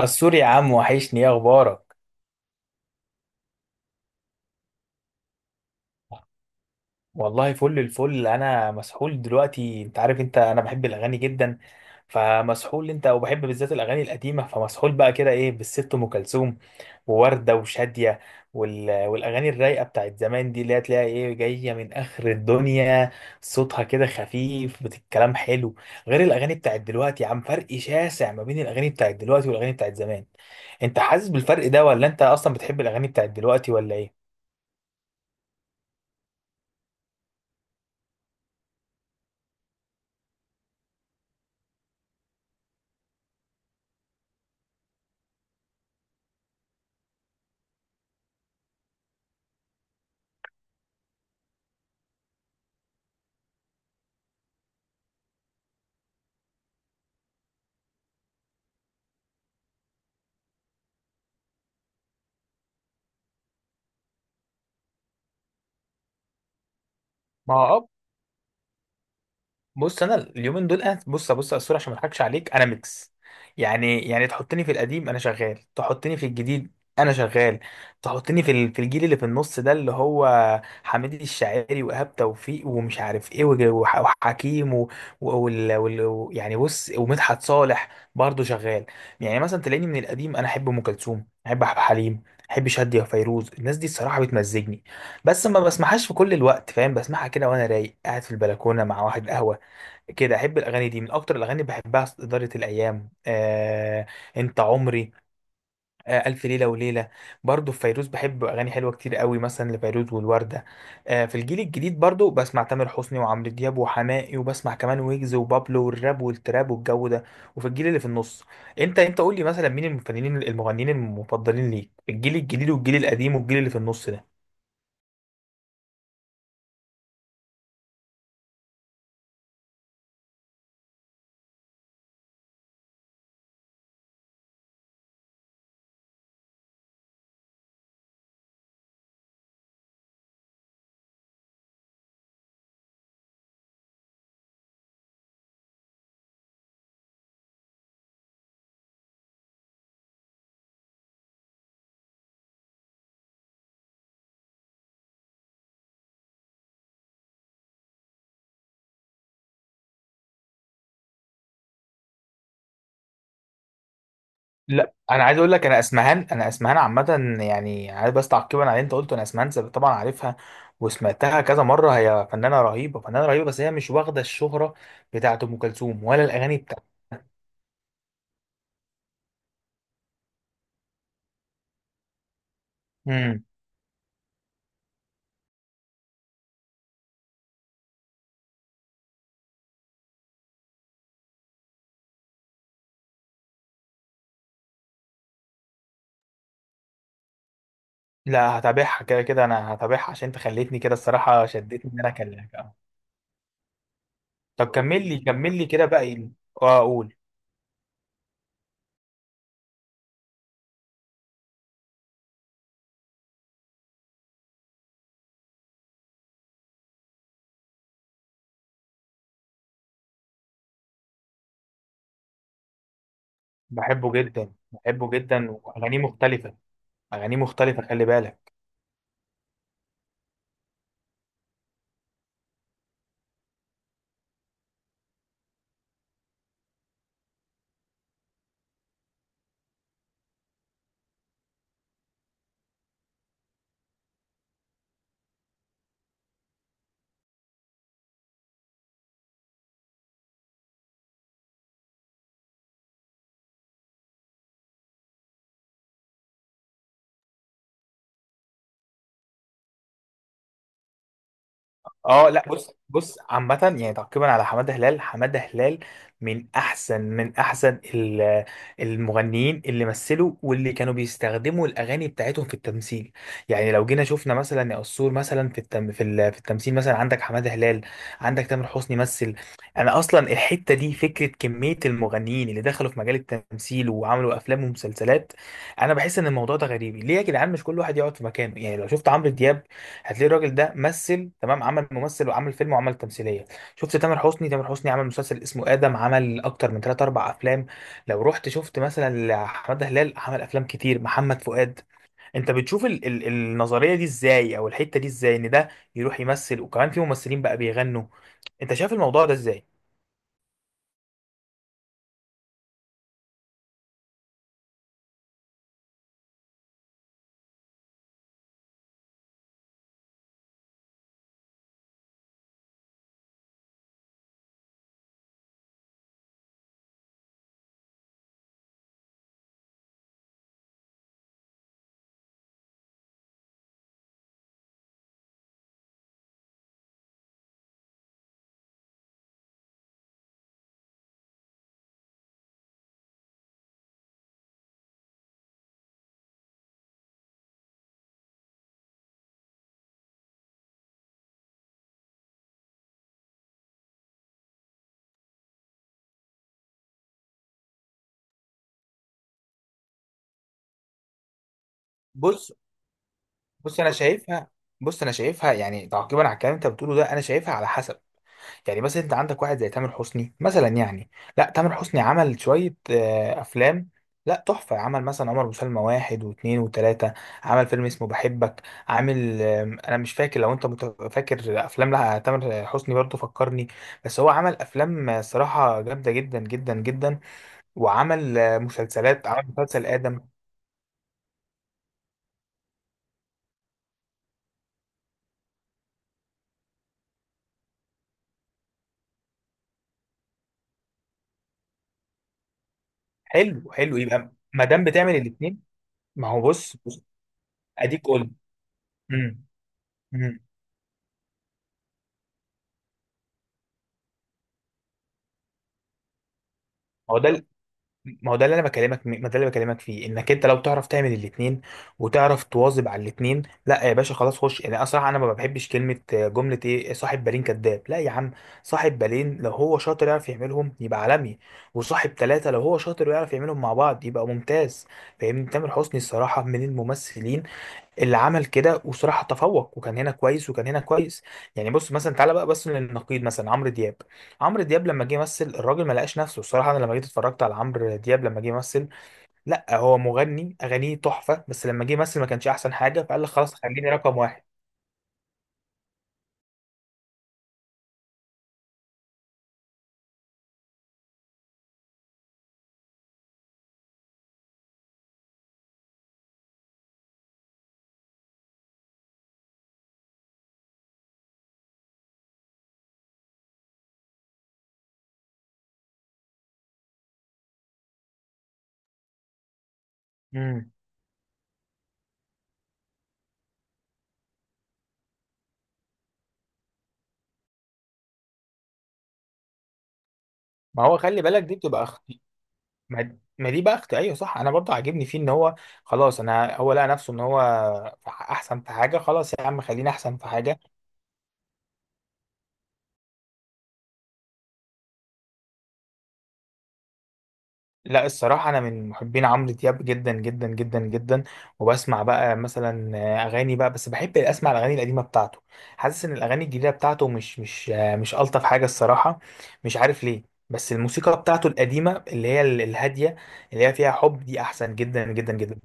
السوري يا عم، وحشني. ايه اخبارك؟ والله فل الفل. انا مسحول دلوقتي، انت عارف، انا بحب الاغاني جدا، فمسحول. انت وبحب بالذات الاغاني القديمه، فمسحول بقى كده. ايه بالست ام كلثوم ووردة وشادية والأغاني الرايقة بتاعت زمان دي، اللي هتلاقيها إيه جاية من آخر الدنيا. صوتها كده خفيف، الكلام حلو، غير الأغاني بتاعت دلوقتي. يا عم فرق شاسع ما بين الأغاني بتاعت دلوقتي والأغاني بتاعت زمان. أنت حاسس بالفرق ده، ولا أنت أصلا بتحب الأغاني بتاعت دلوقتي ولا إيه؟ ما هو بص، انا اليومين دول انا بص بص يا اسطوره، عشان ما اضحكش عليك، انا ميكس. يعني تحطني في القديم انا شغال، تحطني في الجديد انا شغال، تحطني في الجيل اللي في النص ده، اللي هو حميد الشاعري وايهاب توفيق ومش عارف ايه، وحكيم و... و... وال... وال... و- يعني بص، ومدحت صالح، برضه شغال. يعني مثلا تلاقيني من القديم انا احب ام كلثوم، احب عبد الحليم، احب شادية وفيروز. الناس دي الصراحه بتمزجني، بس ما بسمعهاش في كل الوقت، فاهم؟ بسمعها كده وانا رايق، قاعد في البلكونه مع واحد قهوه كده. احب الاغاني دي من اكتر الاغاني اللي بحبها، اداره الايام، انت عمري، الف ليله وليله. برضو في فيروز بحب اغاني حلوه كتير قوي، مثلا لفيروز والورده. في الجيل الجديد برضو بسمع تامر حسني وعمرو دياب وحماقي، وبسمع كمان ويجز وبابلو والراب والتراب والجو ده. وفي الجيل اللي في النص، انت قول لي مثلا مين الفنانين المغنيين المفضلين ليك في الجيل الجديد والجيل القديم والجيل اللي في النص ده؟ لا انا عايز اقول لك، انا اسمهان عامه يعني، عايز بس تعقيبا على اللي انت قلته. انا اسمهان طبعا عارفها وسمعتها كذا مره. هي فنانه رهيبه، فنانه رهيبه، بس هي مش واخده الشهره بتاعت ام كلثوم، ولا الاغاني بتاعتها. امم. لا هتابعها، كده كده انا هتابعها عشان انت خليتني كده. الصراحه شدتني ان انا اكلمك طب كمل لي، كمل لي كده بقى، ايه؟ اه، اقول. بحبه جدا، بحبه جدا، واغانيه مختلفه. اغانيه مختلفه، خلي بالك. اه. لا بص، بص، عامة يعني تعقيبا على حمادة هلال. حمادة هلال من أحسن المغنيين اللي مثلوا، واللي كانوا بيستخدموا الأغاني بتاعتهم في التمثيل. يعني لو جينا شفنا مثلا، يا قصور، مثلا في التمثيل، مثلا عندك حمادة هلال، عندك تامر حسني مثل. أنا أصلا الحتة دي فكرة، كمية المغنيين اللي دخلوا في مجال التمثيل وعملوا أفلام ومسلسلات، أنا بحس إن الموضوع ده غريب. ليه يا جدعان مش كل واحد يقعد في مكانه؟ يعني لو شفت عمرو دياب هتلاقي الراجل ده مثل تمام، عمل ممثل وعمل فيلم وعمل تمثيليه. شفت تامر حسني، تامر حسني عمل مسلسل اسمه ادم، عمل اكتر من 3 4 افلام. لو رحت شفت مثلا حماده هلال، عمل افلام كتير. محمد فؤاد، انت بتشوف ال النظريه دي ازاي، او الحته دي ازاي، ان ده يروح يمثل، وكمان في ممثلين بقى بيغنوا؟ انت شايف الموضوع ده ازاي؟ بص، بص انا شايفها، بص انا شايفها، يعني تعقيبا على الكلام اللي انت بتقوله ده، انا شايفها على حسب. يعني مثلا انت عندك واحد زي تامر حسني مثلا، يعني لا، تامر حسني عمل شوية افلام، لا تحفة. عمل مثلا عمر وسلمى واحد واثنين وثلاثة، عمل فيلم اسمه بحبك، عامل انا مش فاكر. لو انت فاكر افلام لا تامر حسني برضه فكرني. بس هو عمل افلام صراحة جامدة جدا جدا جدا، وعمل مسلسلات، عمل مسلسل ادم. حلو، حلو، يبقى ما دام بتعمل الاثنين. ما هو بص، بص، اديك قول. مم، مم. هو ده، ما هو ده اللي انا بكلمك، ما ده اللي بكلمك فيه، انك انت لو تعرف تعمل الاثنين وتعرف تواظب على الاثنين، لا يا باشا خلاص خش. يعني اصلا انا ما بحبش كلمه، جمله ايه، صاحب بالين كذاب. لا يا عم، صاحب بالين لو هو شاطر يعرف يعملهم يبقى عالمي، وصاحب ثلاثه لو هو شاطر ويعرف يعملهم مع بعض يبقى ممتاز، فاهمني؟ تامر حسني الصراحه من الممثلين اللي عمل كده، وصراحة تفوق، وكان هنا كويس وكان هنا كويس. يعني بص، مثلا تعالى بقى بس للنقيض، مثلا عمرو دياب. عمرو دياب لما جه يمثل، الراجل ما لقاش نفسه الصراحة. انا لما جيت اتفرجت على عمرو دياب لما جه يمثل، لا، هو مغني اغانيه تحفة، بس لما جه يمثل ما كانش احسن حاجة، فقال لك خلاص خليني رقم واحد. امم. ما هو خلي بالك، دي بتبقى اختي، ما دي بقى اختي، ايوه صح، انا برضه عاجبني فيه ان هو، خلاص، انا هو لقى نفسه ان هو احسن في حاجة، خلاص يا عم، خليني احسن في حاجة. لا الصراحة أنا من محبين عمرو دياب جدا جدا جدا جدا، وبسمع بقى مثلا أغاني بقى، بس بحب أسمع الأغاني القديمة بتاعته. حاسس إن الأغاني الجديدة بتاعته مش ألطف حاجة الصراحة، مش عارف ليه. بس الموسيقى بتاعته القديمة، اللي هي الهادية، اللي هي فيها حب، دي أحسن جدا جدا جدا.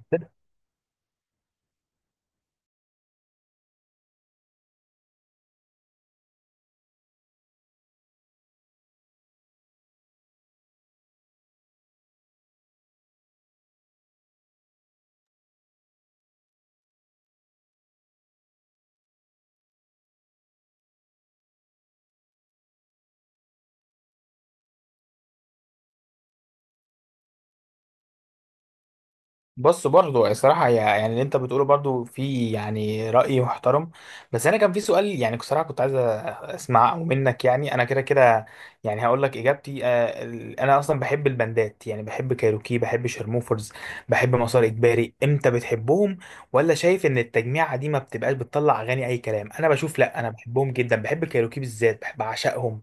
بص، برضو الصراحة يعني اللي انت بتقوله برضو في يعني رأي محترم، بس انا كان في سؤال يعني صراحة كنت عايز اسمعه منك. يعني انا كده كده يعني هقول لك اجابتي. انا اصلا بحب البندات، يعني بحب كايروكي، بحب شرموفرز، بحب مسار اجباري. انت بتحبهم، ولا شايف ان التجميعة دي ما بتبقاش بتطلع اغاني اي كلام؟ انا بشوف، لا انا بحبهم جدا، بحب كايروكي بالذات، بحب اعشقهم.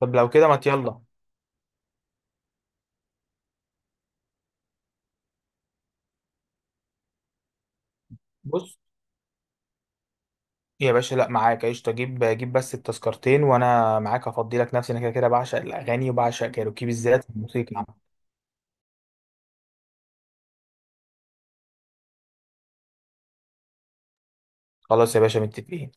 طب لو كده ما يلا. بص يا باشا، لا معاك، قشطة، جيب، جيب بس التذكرتين وانا معاك، هفضي لك نفسي، انا كده كده بعشق الاغاني، وبعشق كايروكي بالذات الموسيقى. خلاص يا باشا، متفقين.